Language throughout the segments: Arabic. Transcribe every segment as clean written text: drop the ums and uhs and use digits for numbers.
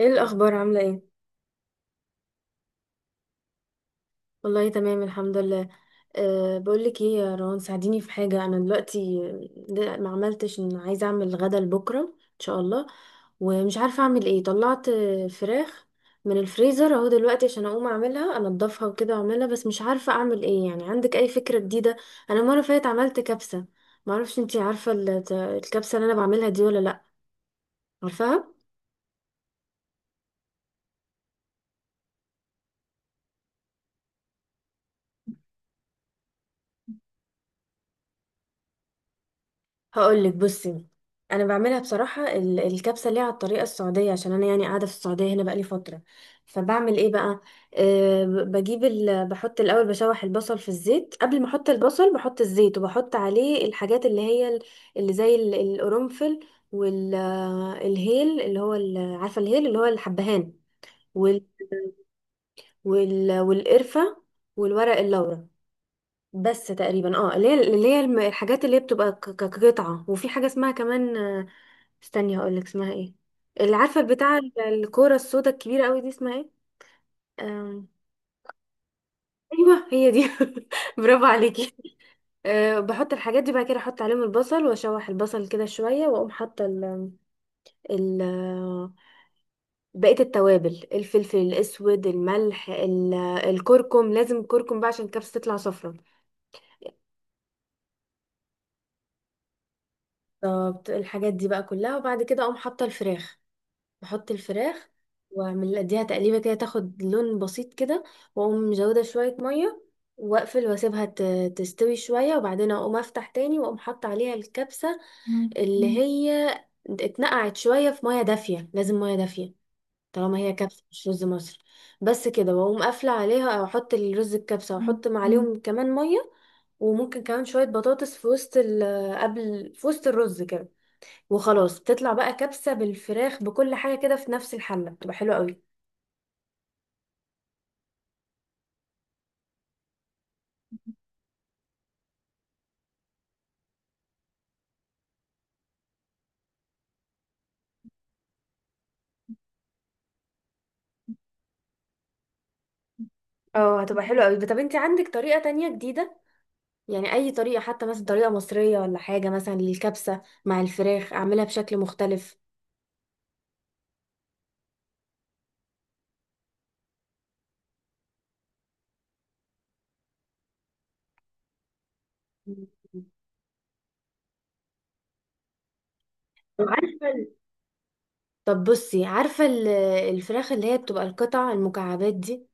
ايه الاخبار؟ عامله ايه؟ والله تمام، الحمد لله. بقول لك ايه يا روان، ساعديني في حاجه. انا دلوقتي ده ما عملتش، ان عايزه اعمل غدا لبكره ان شاء الله. ومش عارفه اعمل ايه. طلعت فراخ من الفريزر اهو دلوقتي، عشان اقوم اعملها، انضفها وكده واعملها. بس مش عارفه اعمل ايه يعني، عندك اي فكره جديده؟ انا المره اللي فاتت عملت كبسه. ما اعرفش انتي عارفه الكبسه اللي انا بعملها دي ولا لا؟ عارفاها. هقولك، بصي، انا بعملها بصراحه. الكبسه اللي هي على الطريقه السعوديه، عشان انا يعني قاعده في السعوديه هنا بقالي فتره. فبعمل ايه بقى؟ بجيب بحط الاول، بشوح البصل في الزيت. قبل ما احط البصل بحط الزيت، وبحط عليه الحاجات اللي هي اللي زي القرنفل والهيل اللي هو عارفه الهيل اللي هو الحبهان، وال... والقرفه، والورق اللورا. بس تقريبا اللي هي الحاجات اللي هي بتبقى كقطعة. وفي حاجة اسمها كمان، استني هقولك اسمها ايه، اللي عارفة بتاع الكورة السودا الكبيرة قوي دي، اسمها ايه؟ آم، ايوه هي دي. برافو عليكي. بحط الحاجات دي، بعد كده احط عليهم البصل واشوح البصل كده شوية، واقوم حاطة ال بقية التوابل، الفلفل الاسود، الملح، الكركم. لازم الكركم بقى عشان الكبسة تطلع صفرا. طب الحاجات دي بقى كلها، وبعد كده اقوم حاطة الفراخ. بحط الفراخ واعمل اديها تقليبه كده، تاخد لون بسيط كده، واقوم مزوده شويه ميه واقفل واسيبها تستوي شويه، وبعدين اقوم افتح تاني واقوم حاطه عليها الكبسه اللي هي اتنقعت شويه في ميه دافيه، لازم ميه دافيه، طالما هي كبسه مش رز مصر. بس كده، واقوم قافله عليها او احط الرز الكبسه، واحط عليهم كمان ميه. وممكن كمان شويه بطاطس في وسط قبل، في وسط الرز كده. وخلاص بتطلع بقى كبسة بالفراخ بكل حاجة كده في نفس الحلة، بتبقى حلوة قوي. اه، هتبقى حلوة قوي. طب انت عندك طريقة تانية جديدة؟ يعني اي طريقة، حتى مثلا طريقة مصرية ولا حاجة، مثلا للكبسة مع الفراخ اعملها بشكل مختلف. وعارفة طب بصي، عارفة الفراخ اللي هي بتبقى القطع المكعبات دي،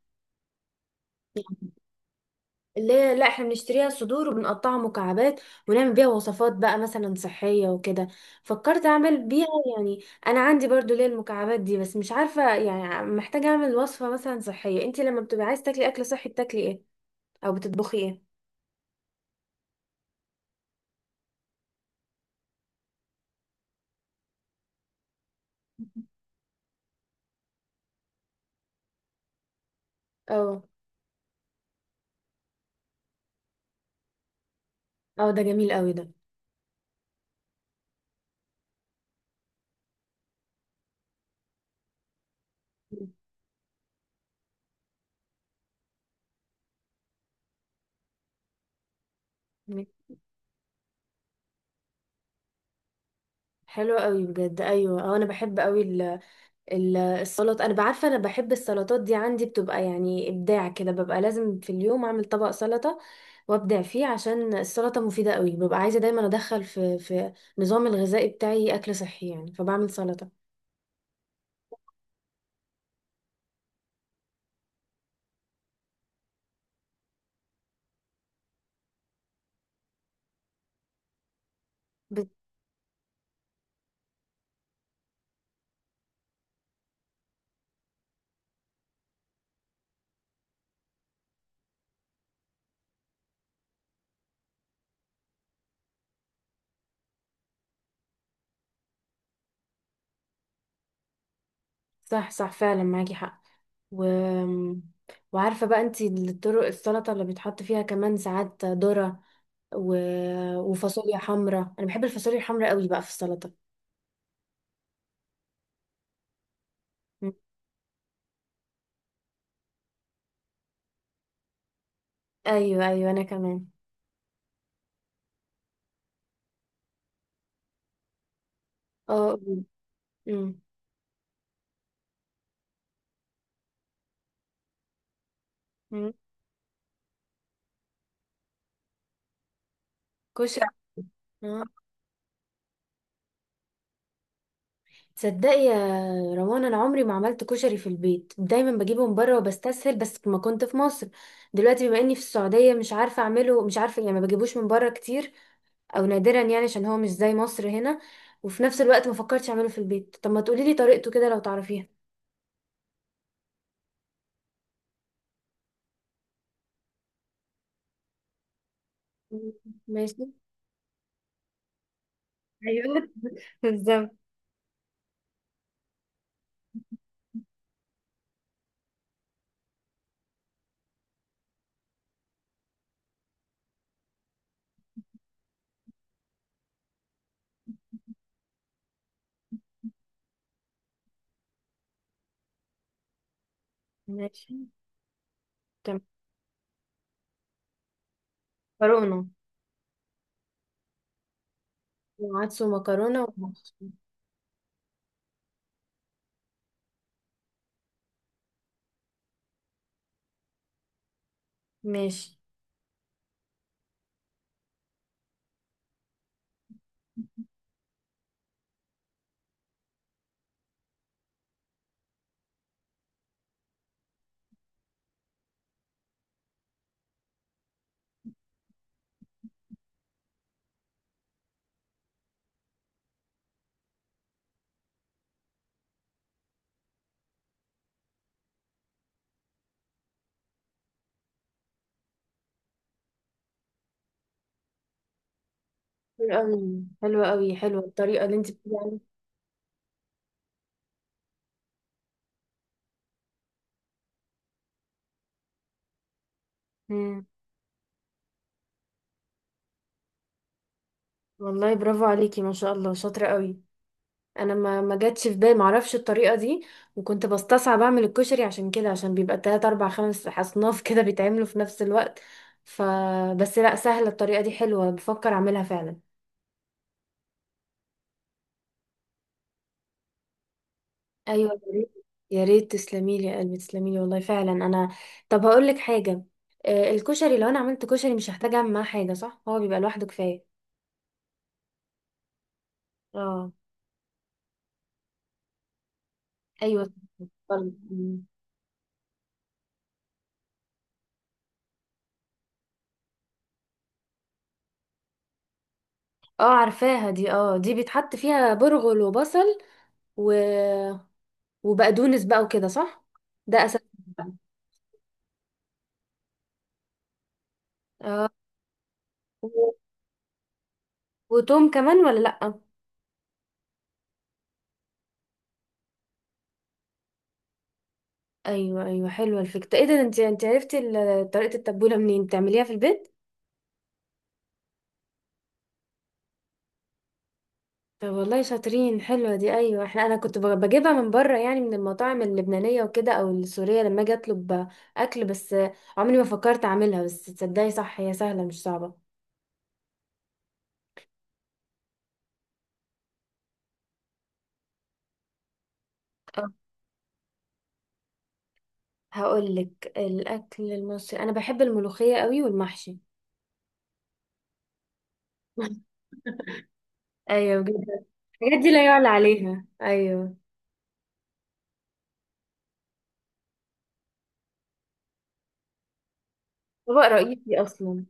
اللي هي، لا، احنا بنشتريها صدور وبنقطعها مكعبات، ونعمل بيها وصفات بقى مثلا صحية وكده. فكرت اعمل بيها يعني. انا عندي برضو ليه المكعبات دي، بس مش عارفة يعني. محتاجة اعمل وصفة مثلا صحية. انت لما بتبقى عايز تاكلي اكل صحي بتاكلي ايه؟ او بتطبخي ايه؟ اه اه، ده جميل قوي ده. حلو قوي بجد، ايوه اه، انا بحب قوي السلطة. انا بعرفة، انا بحب السلطات دي. عندي بتبقى يعني ابداع كده، ببقى لازم في اليوم اعمل طبق سلطة وابدع فيه، عشان السلطة مفيدة قوي. ببقى عايزة دايما ادخل في نظام الغذائي بتاعي، اكل صحي يعني، فبعمل سلطة. بت- صح صح، فعلا معاكي حق. و... وعارفة بقى انتي الطرق السلطة اللي بيتحط فيها كمان ساعات ذرة، و... وفاصوليا حمراء. انا بحب الفاصوليا الحمراء قوي بقى في السلطة. م. ايوه ايوه، انا كمان. اه، قولي. م. م. كشري. آه. تصدقي يا روان، انا عمري ما عملت كشري في البيت، دايما بجيبه من بره وبستسهل بس ما كنت في مصر. دلوقتي بما اني في السعوديه مش عارفه اعمله. مش عارفه يعني، ما بجيبوش من بره كتير، او نادرا يعني، عشان هو مش زي مصر هنا. وفي نفس الوقت ما فكرتش اعمله في البيت. طب ما تقولي لي طريقته كده لو تعرفيها؟ مم. ماشي. ايوه. بالظبط. ماشي. تمام. مكرونه. وعدس ومكرونه ومحشي. ماشي. حلو قوي، حلو قوي، حلوه الطريقه اللي انت بتقولي عليها. مم. والله برافو عليكي، ما شاء الله، شاطرة قوي. انا ما جاتش في بالي، ما اعرفش الطريقة دي. وكنت بستصعب اعمل الكشري عشان كده، عشان بيبقى 3 4 5 اصناف كده بيتعملوا في نفس الوقت، ف بس لا، سهلة الطريقة دي، حلوة، بفكر اعملها فعلا. ايوه يا ريت. يا ريت تسلمي لي يا قلبي، تسلمي لي والله، فعلا انا. طب هقول لك حاجة، الكشري لو انا عملت كشري، مش هحتاج اعمل معاه حاجة، صح؟ هو بيبقى لوحده كفاية. اه. ايوه، اتفضلي. اه عارفاها دي. اه، دي بيتحط فيها برغل وبصل و... وبقدونس بقى وكده، صح، ده اساس بقى. آه. و- وتوم كمان ولا لأ؟ ايوه ايوه، حلوه الفكره. ايه ده، انت عرفتي طريقه التبوله منين؟ بتعمليها في البيت؟ طب والله شاطرين، حلوه دي. ايوه، احنا، انا كنت بجيبها من بره، يعني من المطاعم اللبنانيه وكده او السوريه لما اجي اطلب اكل بس. عمري ما فكرت اعملها. بس تصدقي، صح، هي سهله مش صعبه. آه. هقول لك الاكل المصري انا بحب الملوخيه قوي، والمحشي. ايوه بجد. الحاجات دي لا يعلى عليها. ايوه، طبق رئيسي اصلا.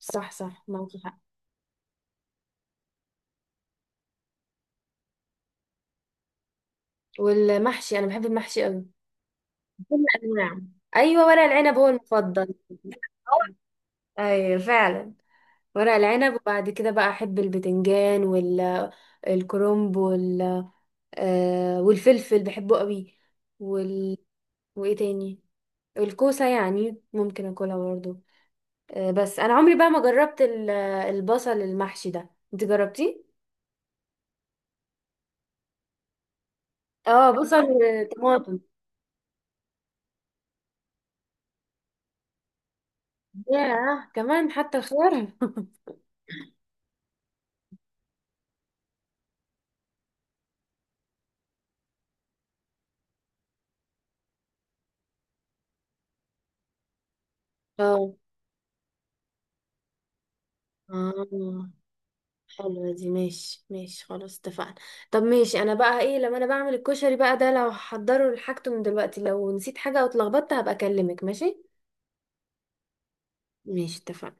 صح صح، معاكي حق. والمحشي، انا بحب المحشي قوي. كل انواع. ايوه، ورق العنب هو المفضل. ايوه فعلا. ورق العنب، وبعد كده بقى احب البتنجان الكرنب آه، والفلفل بحبه قوي وال وايه تاني؟ الكوسه يعني ممكن اكلها برضه. بس انا عمري بقى ما جربت البصل المحشي ده، انت جربتيه؟ اه، بصل وطماطم. ياه، كمان حتى الخيار. اه اه، حلوة دي. ماشي ماشي، خلاص اتفقنا. طب، ماشي. انا بقى ايه، لما انا بعمل الكشري بقى ده، لو هحضره لحاجته من دلوقتي، لو نسيت حاجة او اتلخبطت هبقى اكلمك، ماشي؟ ماشي، اتفقنا.